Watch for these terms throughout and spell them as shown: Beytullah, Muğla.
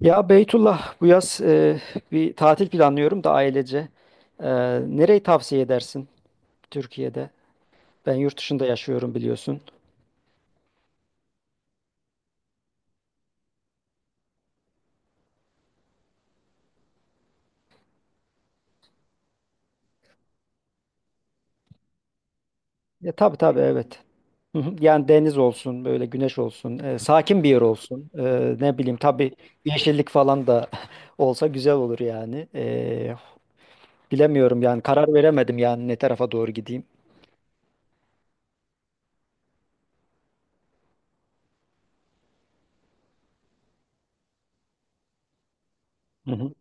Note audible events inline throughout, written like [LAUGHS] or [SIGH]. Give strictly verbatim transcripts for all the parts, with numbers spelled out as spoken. Ya Beytullah, bu yaz e, bir tatil planlıyorum da ailece. E, Nereyi tavsiye edersin Türkiye'de? Ben yurt dışında yaşıyorum biliyorsun. Ya tabii tabii evet. Hı hı. Yani deniz olsun, böyle güneş olsun, e, sakin bir yer olsun. E, ne bileyim tabii yeşillik falan da [LAUGHS] olsa güzel olur yani. E, bilemiyorum yani karar veremedim yani ne tarafa doğru gideyim. Hı hı.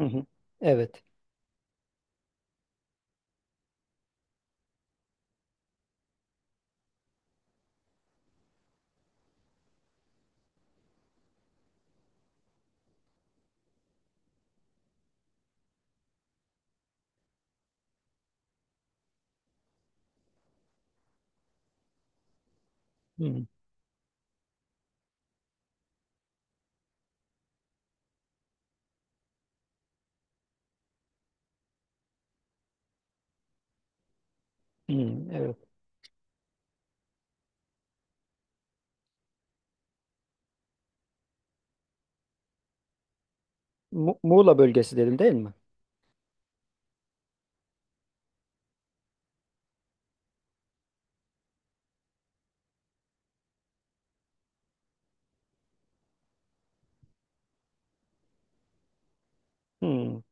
Hı hı. Evet. Hı hı. Hı, evet. Mu- Muğla bölgesi dedim değil mi? Hı.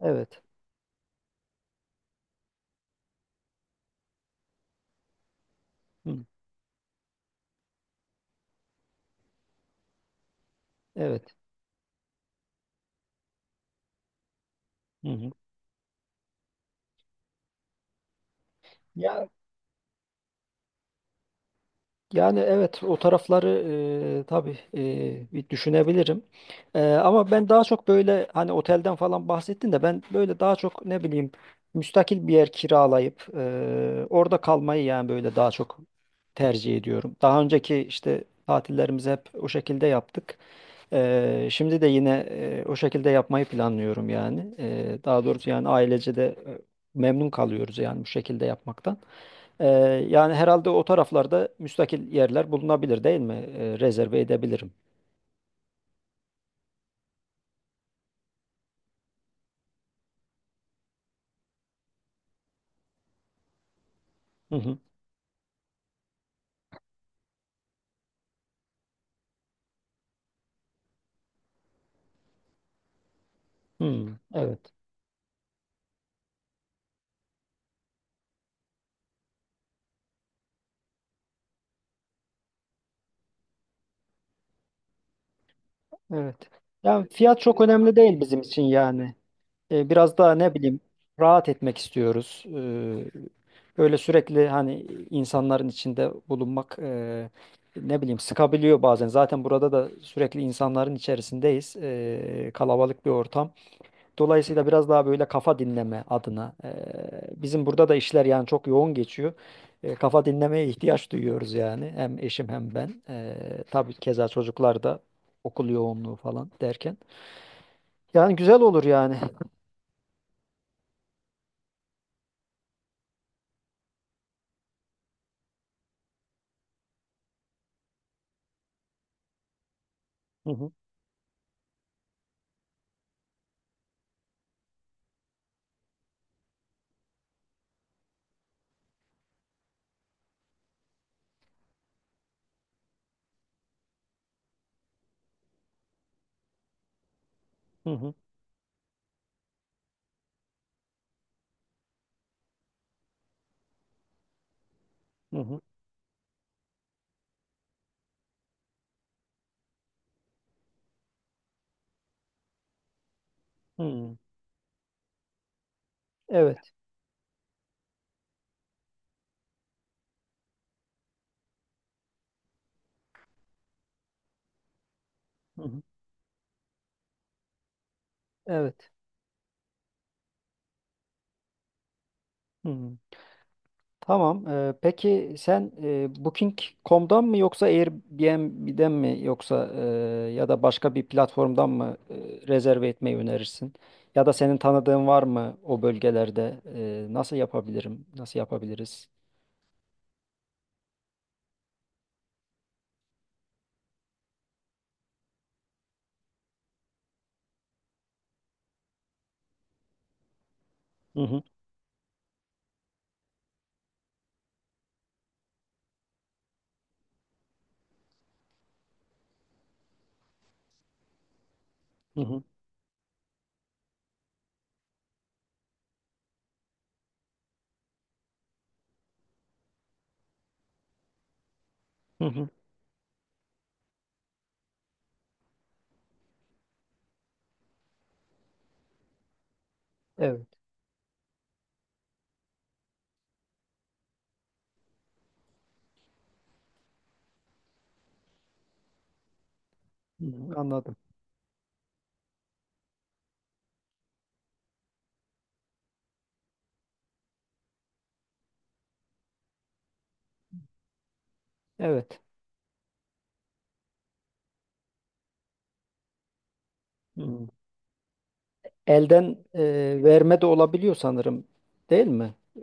Evet. Hı. Evet. Hı hı. Ya, yani evet o tarafları e, tabii e, bir düşünebilirim. E, ama ben daha çok böyle hani otelden falan bahsettin de ben böyle daha çok ne bileyim müstakil bir yer kiralayıp e, orada kalmayı yani böyle daha çok tercih ediyorum. Daha önceki işte tatillerimizi hep o şekilde yaptık. E, şimdi de yine e, o şekilde yapmayı planlıyorum yani. E, daha doğrusu yani ailece de e, memnun kalıyoruz yani bu şekilde yapmaktan. Ee, Yani herhalde o taraflarda müstakil yerler bulunabilir değil mi? Ee, rezerve edebilirim. Hı hı. Hmm, evet, evet. Yani fiyat çok önemli değil bizim için yani. Ee, biraz daha ne bileyim rahat etmek istiyoruz. Ee, böyle sürekli hani insanların içinde bulunmak e, ne bileyim sıkabiliyor bazen. Zaten burada da sürekli insanların içerisindeyiz. Ee, kalabalık bir ortam. Dolayısıyla biraz daha böyle kafa dinleme adına eee, bizim burada da işler yani çok yoğun geçiyor. Eee, kafa dinlemeye ihtiyaç duyuyoruz yani hem eşim hem ben. Eee tabii keza çocuklar da okul yoğunluğu falan derken. Yani güzel olur yani. Hı, hı hı, hı hı, hı hı. Evet. Hı hı, evet. Hı hı. Tamam. Ee, peki sen e, booking nokta com'dan mı yoksa Airbnb'den mi yoksa e, ya da başka bir platformdan mı e, rezerve etmeyi önerirsin? Ya da senin tanıdığın var mı o bölgelerde? E, nasıl yapabilirim? Nasıl yapabiliriz? Hı hı. Hı hı. Hı hı. Evet. Hı hı, anladım. Evet. Hı. Elden e, verme de olabiliyor sanırım, değil mi? E,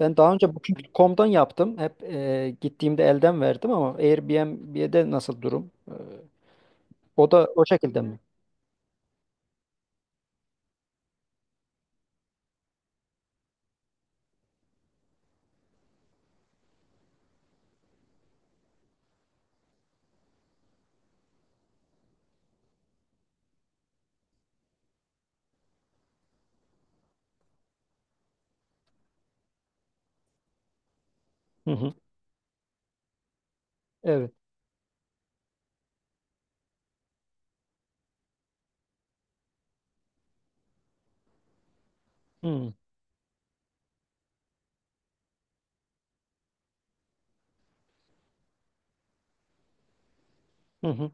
Ben daha önce booking nokta com'dan yaptım. Hep e, gittiğimde elden verdim ama Airbnb'de nasıl durum? E, o da o şekilde mi? Hı hı. Evet. Hı hı. Hı hı.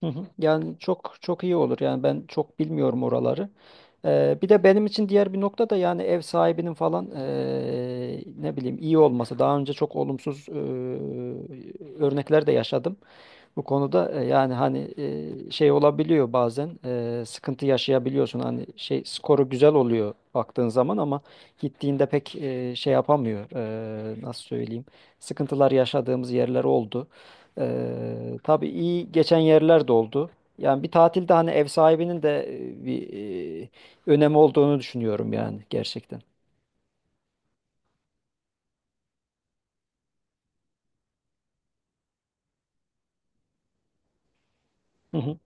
Hı hı. Yani çok çok iyi olur. Yani ben çok bilmiyorum oraları. Ee, bir de benim için diğer bir nokta da yani ev sahibinin falan ee, ne bileyim iyi olması. Daha önce çok olumsuz ee, örnekler de yaşadım. Bu konuda e, yani hani e, şey olabiliyor bazen e, sıkıntı yaşayabiliyorsun. Hani şey skoru güzel oluyor baktığın zaman ama gittiğinde pek e, şey yapamıyor. E, nasıl söyleyeyim? Sıkıntılar yaşadığımız yerler oldu. Ee, tabii iyi geçen yerler de oldu. Yani bir tatilde hani ev sahibinin de e, bir e, önemi olduğunu düşünüyorum yani gerçekten. Hı hı.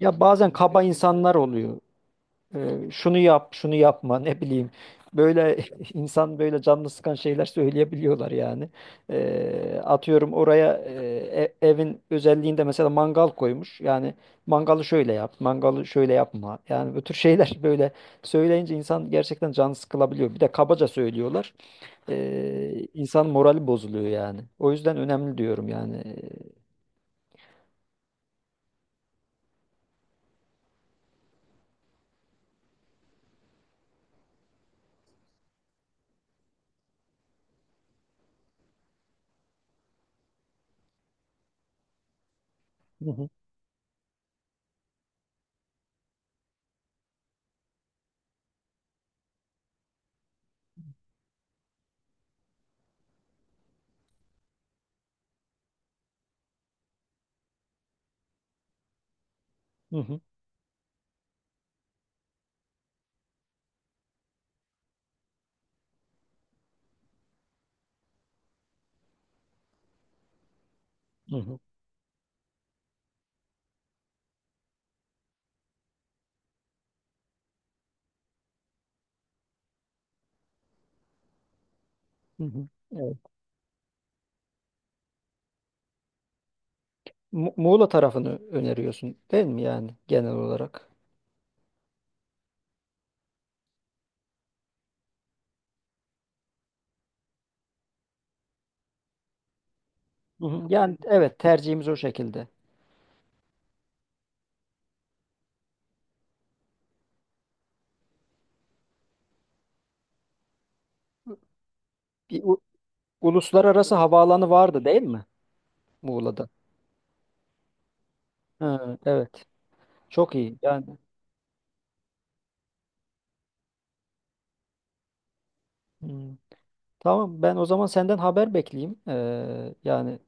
Ya bazen kaba insanlar oluyor. Ee, şunu yap, şunu yapma, ne bileyim. Böyle [LAUGHS] insan böyle canını sıkan şeyler söyleyebiliyorlar yani. Ee, atıyorum oraya e, e- evin özelliğinde mesela mangal koymuş. Yani mangalı şöyle yap, mangalı şöyle yapma. Yani bu tür şeyler [LAUGHS] böyle söyleyince insan gerçekten canı sıkılabiliyor. Bir de kabaca söylüyorlar. Ee, insan morali bozuluyor yani. O yüzden önemli diyorum yani. Hı hı, hı hı, hı hı, hı hı. Mu- Muğla tarafını öneriyorsun değil mi yani genel olarak? Hı hı. Yani evet tercihimiz o şekilde. Bir u- Uluslararası havaalanı vardı değil mi Muğla'da? Ha, evet. Çok iyi. Yani hmm, tamam, ben o zaman senden haber bekleyeyim. Ee, yani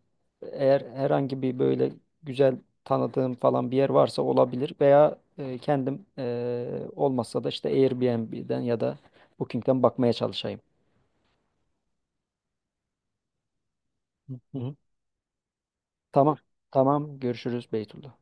eğer herhangi bir böyle güzel tanıdığım falan bir yer varsa olabilir veya e, kendim e, olmazsa da işte Airbnb'den ya da Booking'den bakmaya çalışayım. Hı hı. Tamam. Tamam. Görüşürüz Beytullah.